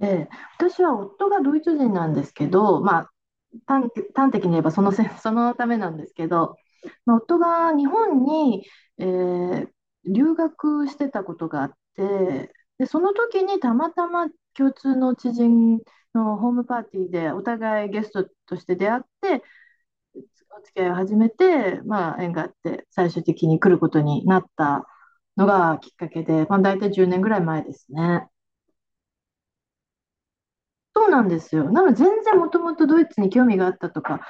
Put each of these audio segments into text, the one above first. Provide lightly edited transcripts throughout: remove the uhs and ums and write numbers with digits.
ええ、私は夫がドイツ人なんですけど、まあ、端端的に言えばそのせ そのためなんですけど、まあ、夫が日本に、えー留学してたことがあって、でその時にたまたま共通の知人のホームパーティーでお互いゲストとして出会って、お付き合いを始めて、まあ、縁があって最終的に来ることになったのがきっかけで、まあ、大体10年ぐらい前ですね。そうなんですよ。なので全然もともとドイツに興味があったとか、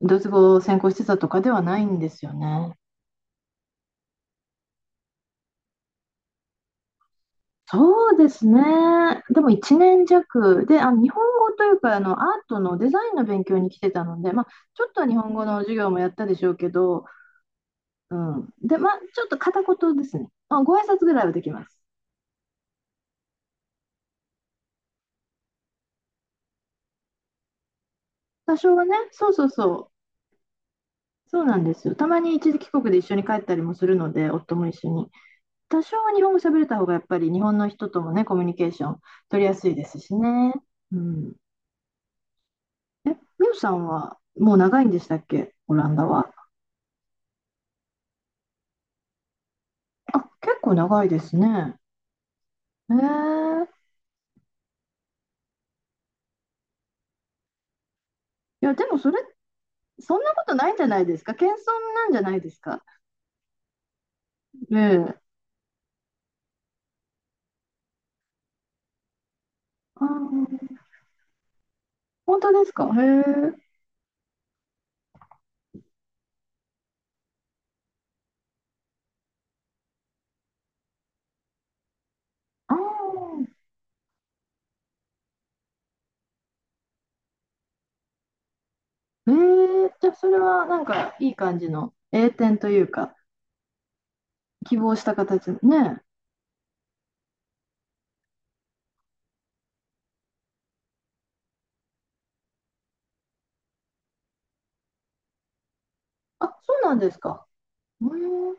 ドイツ語を専攻してたとかではないんですよね。そうですね。でも1年弱で、あの日本語というかあのアートのデザインの勉強に来てたので、まあ、ちょっと日本語の授業もやったでしょうけど、うん、で、まあ、ちょっと片言ですね。まあ、ご挨拶ぐらいはできます。多少はね、そうそうそう、そうなんですよ。たまに一時帰国で一緒に帰ったりもするので、夫も一緒に。多少は日本語喋れた方がやっぱり日本の人ともね、コミュニケーション取りやすいですしね。うん。ミオさんはもう長いんでしたっけ、オランダは。あ、結構長いですね。へえ。いや、でもそれ、そんなことないんじゃないですか。謙遜なんじゃないですか。ねえ。あー本当ですか？へえ。ああ。へえ。じゃあそれはなんかいい感じの栄転というか、希望した形ね。あ、そうなんですか？うん。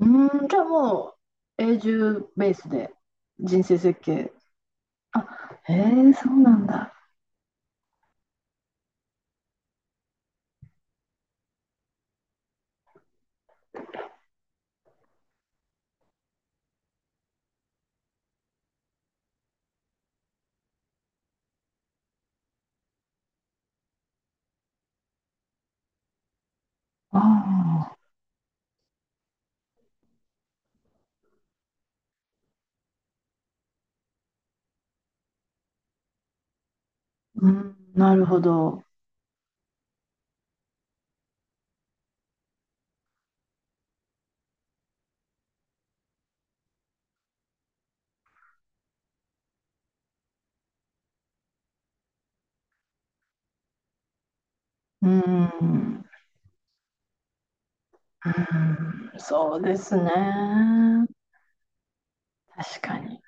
うーん、じゃあもう永住ベースで人生設計。あ、へえ、そうなんだ。ああ、うん、なるほど。うん、うん、そうですね。確かに。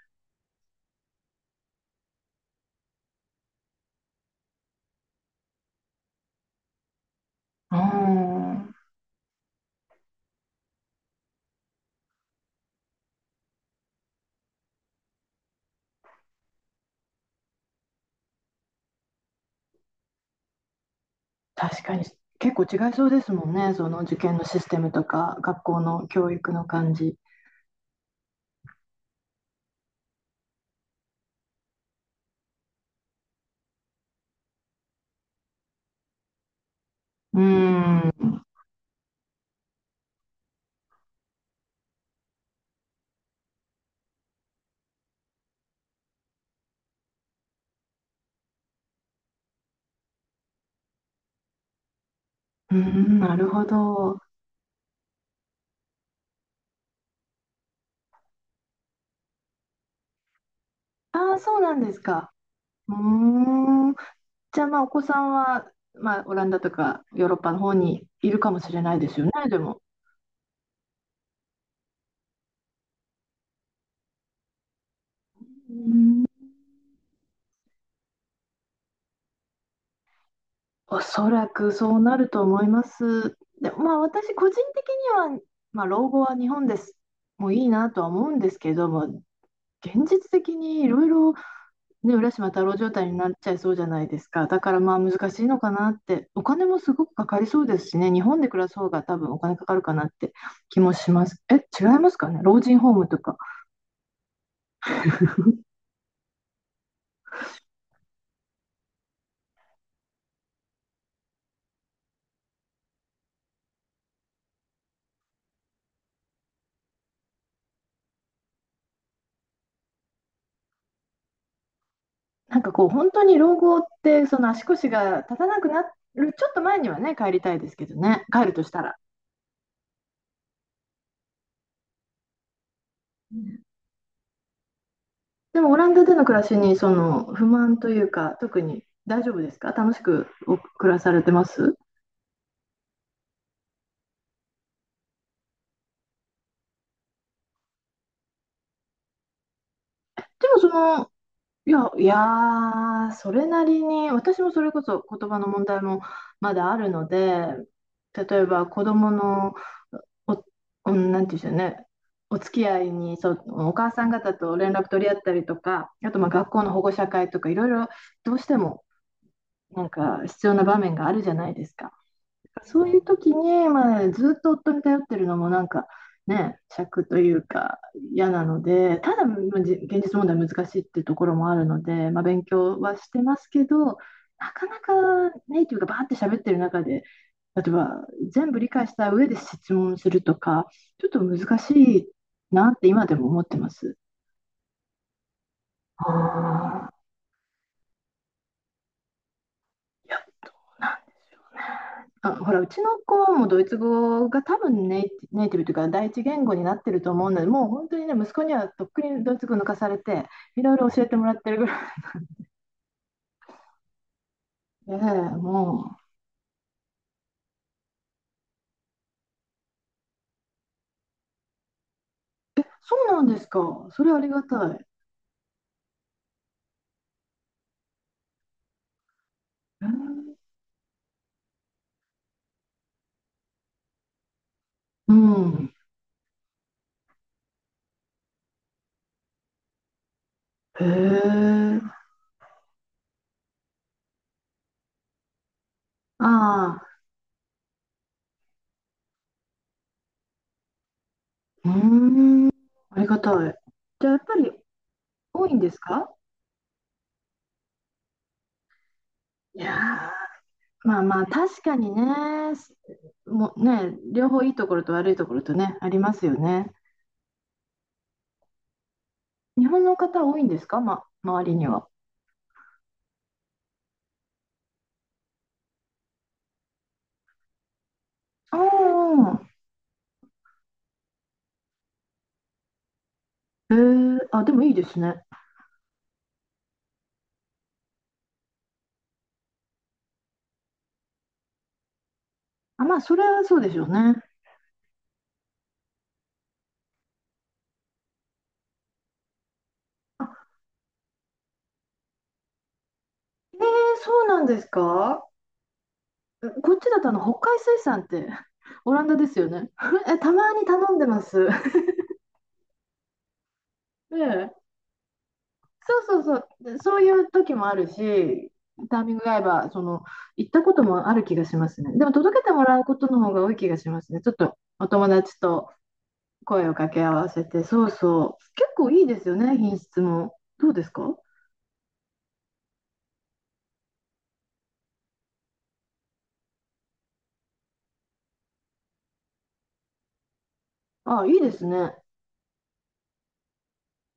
うん、確かに。結構違いそうですもんね。その受験のシステムとか、学校の教育の感じ。うん、うん、なるほど。ああ、そうなんですか？うーん、じゃあ、まあ、お子さんは、まあ、オランダとかヨーロッパの方にいるかもしれないですよね、でも。おそらくそうなると思います。で、まあ、私、個人的には、まあ、老後は日本です。もういいなとは思うんですけども、現実的にいろいろ、ね、浦島太郎状態になっちゃいそうじゃないですか。だから、まあ、難しいのかなって、お金もすごくかかりそうですしね、日本で暮らす方が多分お金かかるかなって気もします。え、違いますかね、老人ホームとか。なんかこう、本当に老後って、その足腰が立たなくなる、ちょっと前にはね、帰りたいですけどね、帰るとしたら。うん。でも、オランダでの暮らしに、その不満というか、特に大丈夫ですか？楽しくお暮らされてます？でも、その、いや、いやーそれなりに、私もそれこそ言葉の問題もまだあるので、例えば子供のお、うん、なんていうんでしょうね。お付き合いに、そう、お母さん方と連絡取り合ったりとか、あとまあ学校の保護者会とかいろいろどうしてもなんか必要な場面があるじゃないですか。そういう時に、まあ、ずっと夫に頼ってるのもなんかね、尺というか嫌なので、ただ、まあじ現実問題難しいっていうところもあるので、まあ、勉強はしてますけど、なかなかネイティブがバーって喋ってる中で、例えば全部理解した上で質問するとか、ちょっと難しいなって今でも思ってます。ああ、いや、どうなんあ、ほら、うちの子もドイツ語が多分ネイティブというか第一言語になってると思うので、もう本当にね、息子にはとっくにドイツ語抜かされて、いろいろ教えてもらってるぐらい。ええ、もう、そうなんですか？それありがたい。へえ。うん。へえ。ああ、うーん。ありがたい。じゃあ、やっぱり多いんですか？いやーまあまあ、確かにね、もうね、両方いいところと悪いところとね、ありますよね。日本の方多いんですか、ま、周りには。ああ、へえ、あ、でもいいですね。あ、まあ、それはそうでしょうね。あ、へえ、そうなんですか？えこっちだとあの北海水産って オランダですよね。え、たまに頼んでます。ええ、そうそうそう、そういう時もあるし、タイミングが合えば、その、行ったこともある気がしますね。でも届けてもらうことの方が多い気がしますね。ちょっとお友達と。声を掛け合わせて、そうそう。結構いいですよね、品質も。どうですか？あ、いいですね。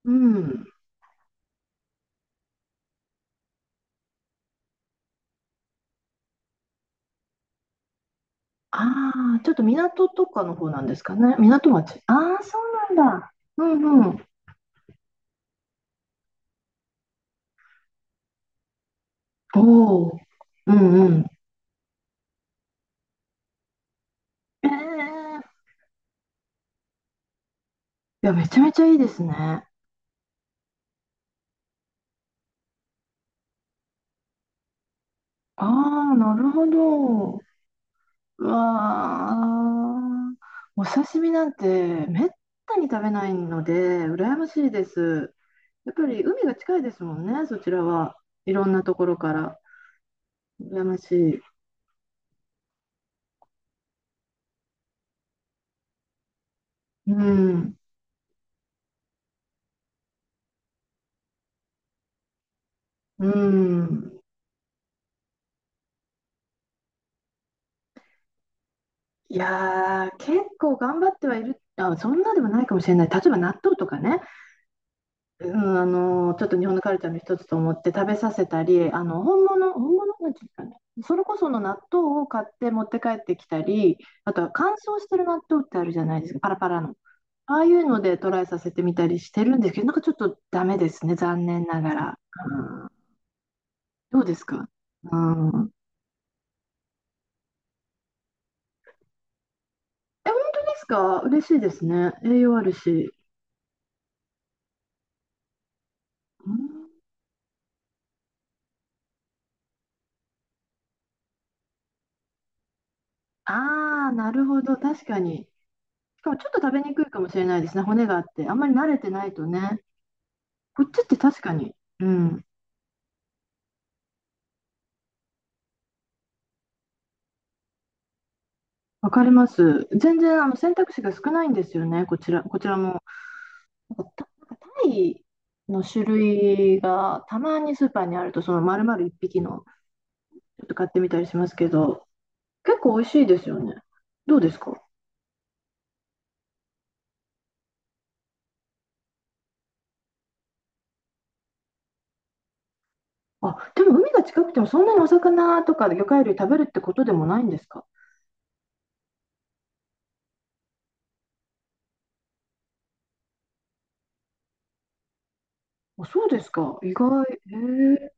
うん。ああ、ちょっと港とかの方なんですかね。港町。ああ、そうなんだ。うんうん。おお。うんうん。ええ。いや、めちゃめちゃいいですね。ああ、なるほど。うわー、お刺身なんてめったに食べないので、羨ましいです。やっぱり海が近いですもんね、そちらは。いろんなところから。羨ましい。うん、うん。いやー、結構頑張ってはいる。あ、そんなでもないかもしれない。例えば納豆とかね。うん、あの、ちょっと日本のカルチャーの一つと思って食べさせたり、あの、本物、本物なんていうかね、それこその納豆を買って持って帰ってきたり、あとは乾燥してる納豆ってあるじゃないですか、パラパラの。ああいうのでトライさせてみたりしてるんですけど、なんかちょっとダメですね、残念ながら。うん、どうですか？うん。え、本当ですか？嬉しいですね。栄養あるし。うん、ああ、なるほど、確かに。しかもちょっと食べにくいかもしれないですね、骨があって。あんまり慣れてないとね。こっちって確かに、うん、わかります。全然あの選択肢が少ないんですよね、こちら、こちらも。なんかた、なんかタイの種類がたまにスーパーにあると、その丸々1匹のちょっと買ってみたりしますけど、結構美味しいですよね。どうですか？あ、でも海が近くてもそんなにお魚とか魚介類食べるってことでもないんですか？あ、そうですか。意外。へえ。